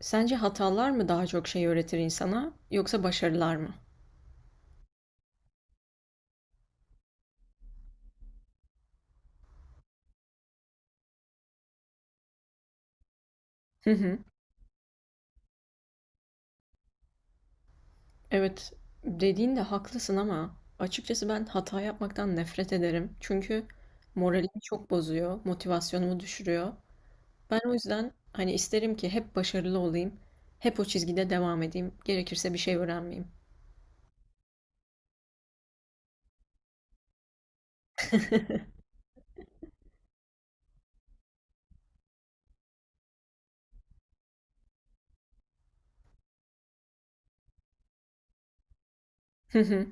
Sence hatalar mı daha çok şey öğretir insana yoksa başarılar mı? Hı hı. Evet, dediğinde haklısın ama açıkçası ben hata yapmaktan nefret ederim. Çünkü moralimi çok bozuyor, motivasyonumu düşürüyor. Ben o yüzden hani isterim ki hep başarılı olayım, hep o çizgide devam edeyim, gerekirse bir şey öğrenmeyeyim. Hı hı.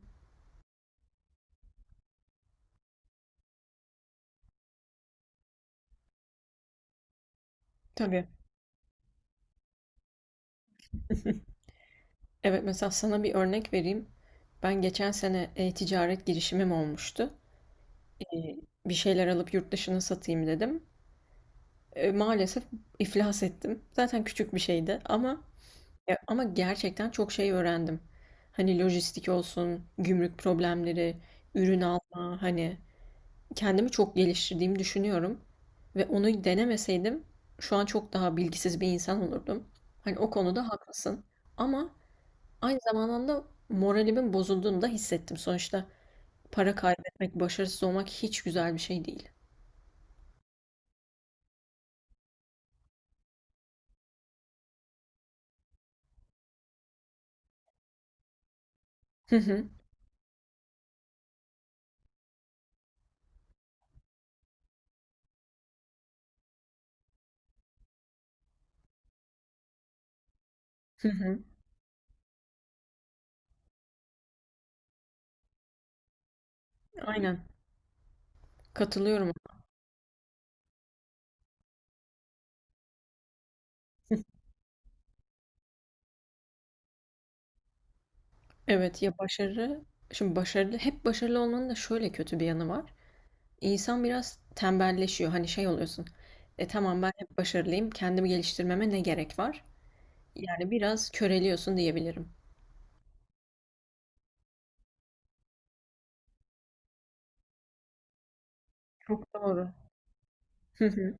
Tabii. Evet mesela sana bir örnek vereyim. Ben geçen sene ticaret girişimim olmuştu. E, Bir şeyler alıp yurt dışına satayım dedim. Maalesef iflas ettim. Zaten küçük bir şeydi ama ya, ama gerçekten çok şey öğrendim. Hani lojistik olsun, gümrük problemleri, ürün alma, hani kendimi çok geliştirdiğimi düşünüyorum ve onu denemeseydim şu an çok daha bilgisiz bir insan olurdum. Hani o konuda haklısın. Ama aynı zamanda moralimin bozulduğunu da hissettim. Sonuçta para kaybetmek, başarısız olmak hiç güzel bir şey değil. Hı hı, hı hı. Aynen. Katılıyorum. Evet ya başarı, şimdi başarılı, hep başarılı olmanın da şöyle kötü bir yanı var. İnsan biraz tembelleşiyor. Hani şey oluyorsun. Tamam ben hep başarılıyım. Kendimi geliştirmeme ne gerek var? Yani biraz köreliyorsun diyebilirim. Çok doğru. Hı hı.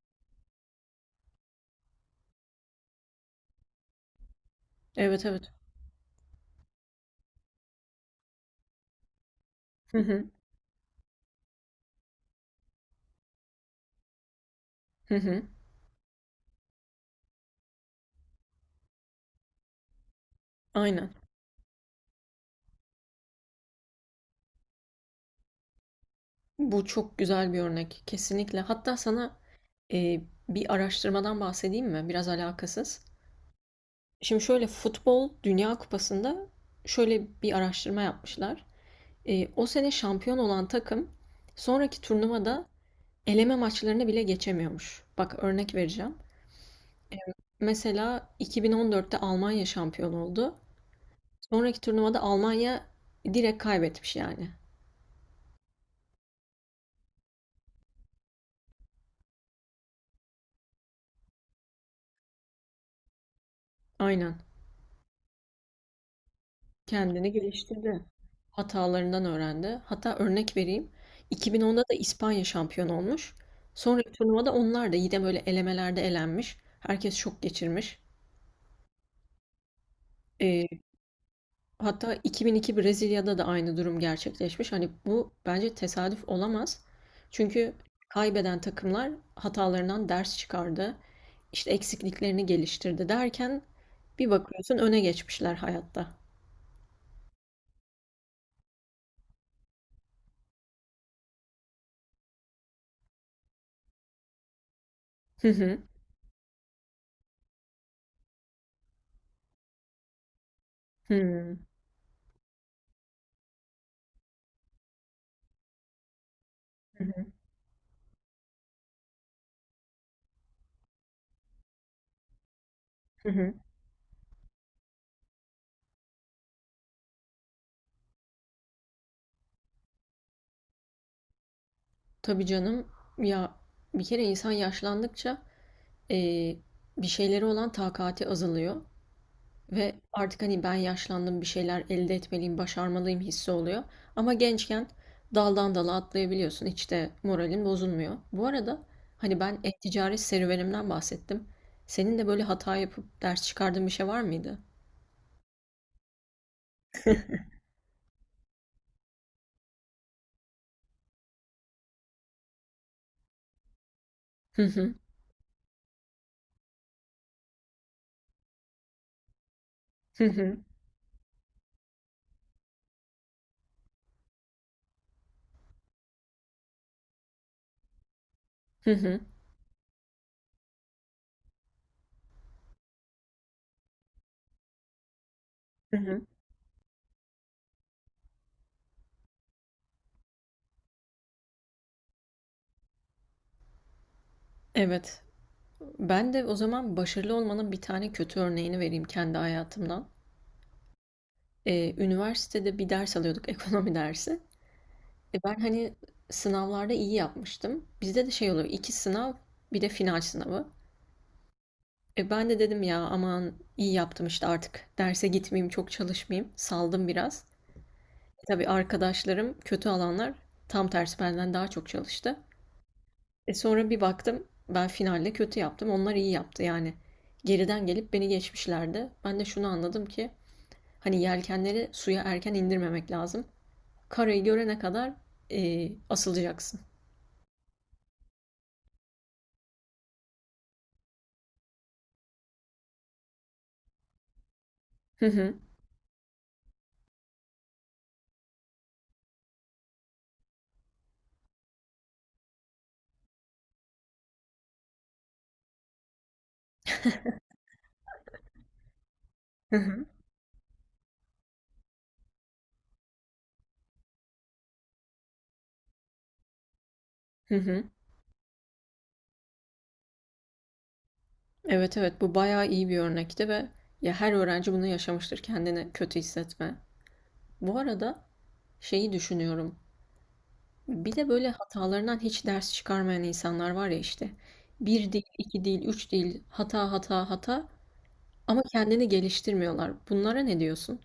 Evet, evet. Hı hı. Hı hı. Aynen. Bu çok güzel bir örnek. Kesinlikle. Hatta sana e, bir araştırmadan bahsedeyim mi? Biraz alakasız. Şimdi şöyle futbol Dünya Kupası'nda şöyle bir araştırma yapmışlar. O sene şampiyon olan takım sonraki turnuvada eleme maçlarını bile geçemiyormuş. Bak örnek vereceğim. Mesela 2014'te Almanya şampiyon oldu. Sonraki turnuvada Almanya direkt kaybetmiş yani. Aynen. Kendini geliştirdi. Hatalarından öğrendi. Hatta örnek vereyim. 2010'da da İspanya şampiyon olmuş. Sonraki turnuvada onlar da yine böyle elemelerde elenmiş. Herkes şok geçirmiş. E, Hatta 2002 Brezilya'da da aynı durum gerçekleşmiş. Hani bu bence tesadüf olamaz. Çünkü kaybeden takımlar hatalarından ders çıkardı. İşte eksikliklerini geliştirdi derken bir bakıyorsun öne geçmişler hayatta. Hı hı. Hı hı. Hı. Tabii canım, ya bir kere insan yaşlandıkça eee, bir şeyleri olan takati azalıyor. Ve artık hani ben yaşlandım bir şeyler elde etmeliyim, başarmalıyım hissi oluyor. Ama gençken daldan dala atlayabiliyorsun. Hiç de moralin bozulmuyor. Bu arada hani ben e-ticaret serüvenimden bahsettim. Senin de böyle hata yapıp ders çıkardığın bir şey var mıydı? Hı hı, hı hı, hı hı, hı hı. Evet. Ben de o zaman başarılı olmanın bir tane kötü örneğini vereyim kendi hayatımdan. Üniversitede bir ders alıyorduk, ekonomi dersi. Ben hani sınavlarda iyi yapmıştım. Bizde de şey oluyor, iki sınav bir de final sınavı. Ben de dedim ya aman iyi yaptım işte artık derse gitmeyeyim, çok çalışmayayım. Saldım biraz. Tabii arkadaşlarım kötü alanlar tam tersi benden daha çok çalıştı. Sonra bir baktım ben finalde kötü yaptım. Onlar iyi yaptı yani. Geriden gelip beni geçmişlerdi. Ben de şunu anladım ki hani yelkenleri suya erken indirmemek lazım. Karayı görene kadar asılacaksın. Hı hı. Hı hı. Hı hı. Evet, evet, bu bayağı iyi bir örnekti ve ya her öğrenci bunu yaşamıştır kendini kötü hissetme. Bu arada şeyi düşünüyorum. Bir de böyle hatalarından hiç ders çıkarmayan insanlar var ya işte. Bir değil, iki değil, üç değil, hata hata hata ama kendini geliştirmiyorlar. Bunlara ne diyorsun?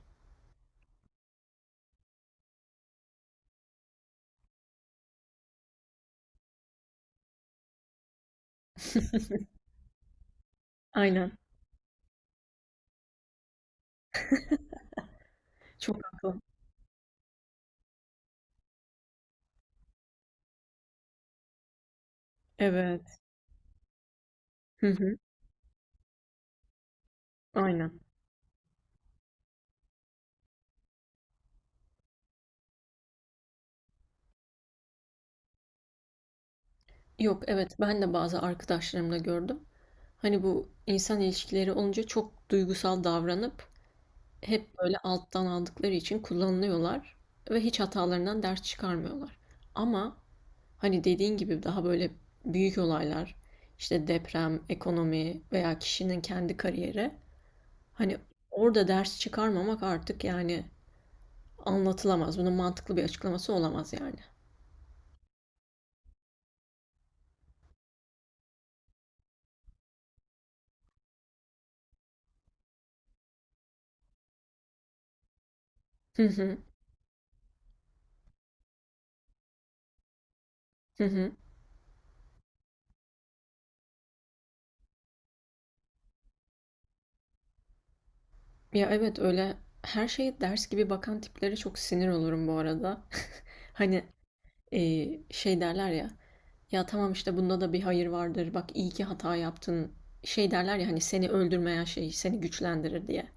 Aynen. Çok haklı. Evet. Hı hı. Aynen. Yok, evet, ben de bazı arkadaşlarımda gördüm. Hani bu insan ilişkileri olunca çok duygusal davranıp hep böyle alttan aldıkları için kullanılıyorlar ve hiç hatalarından ders çıkarmıyorlar. Ama hani dediğin gibi daha böyle büyük olaylar, işte deprem, ekonomi veya kişinin kendi kariyeri, hani orada ders çıkarmamak artık yani anlatılamaz. Bunun mantıklı bir açıklaması olamaz yani. Hı hı, hı hı. Ya evet, öyle, her şeye ders gibi bakan tiplere çok sinir olurum bu arada. Hani e, şey derler ya. Ya tamam işte bunda da bir hayır vardır. Bak iyi ki hata yaptın. Şey derler ya hani seni öldürmeyen şey seni güçlendirir diye.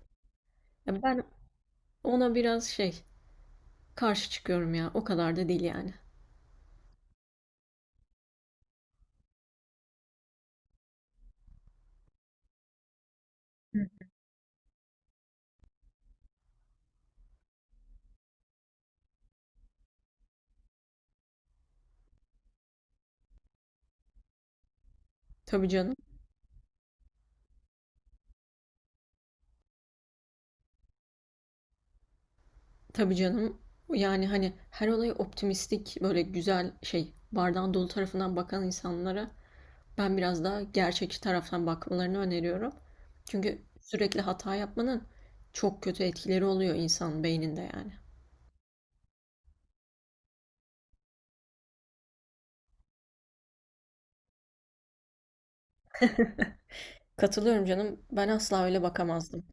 Ya ben ona biraz şey karşı çıkıyorum ya. O kadar da değil yani. Tabii canım. Tabii canım. Yani hani her olayı optimistik böyle güzel şey bardağın dolu tarafından bakan insanlara ben biraz daha gerçekçi taraftan bakmalarını öneriyorum. Çünkü sürekli hata yapmanın çok kötü etkileri oluyor insan beyninde yani. Katılıyorum canım. Ben asla öyle bakamazdım.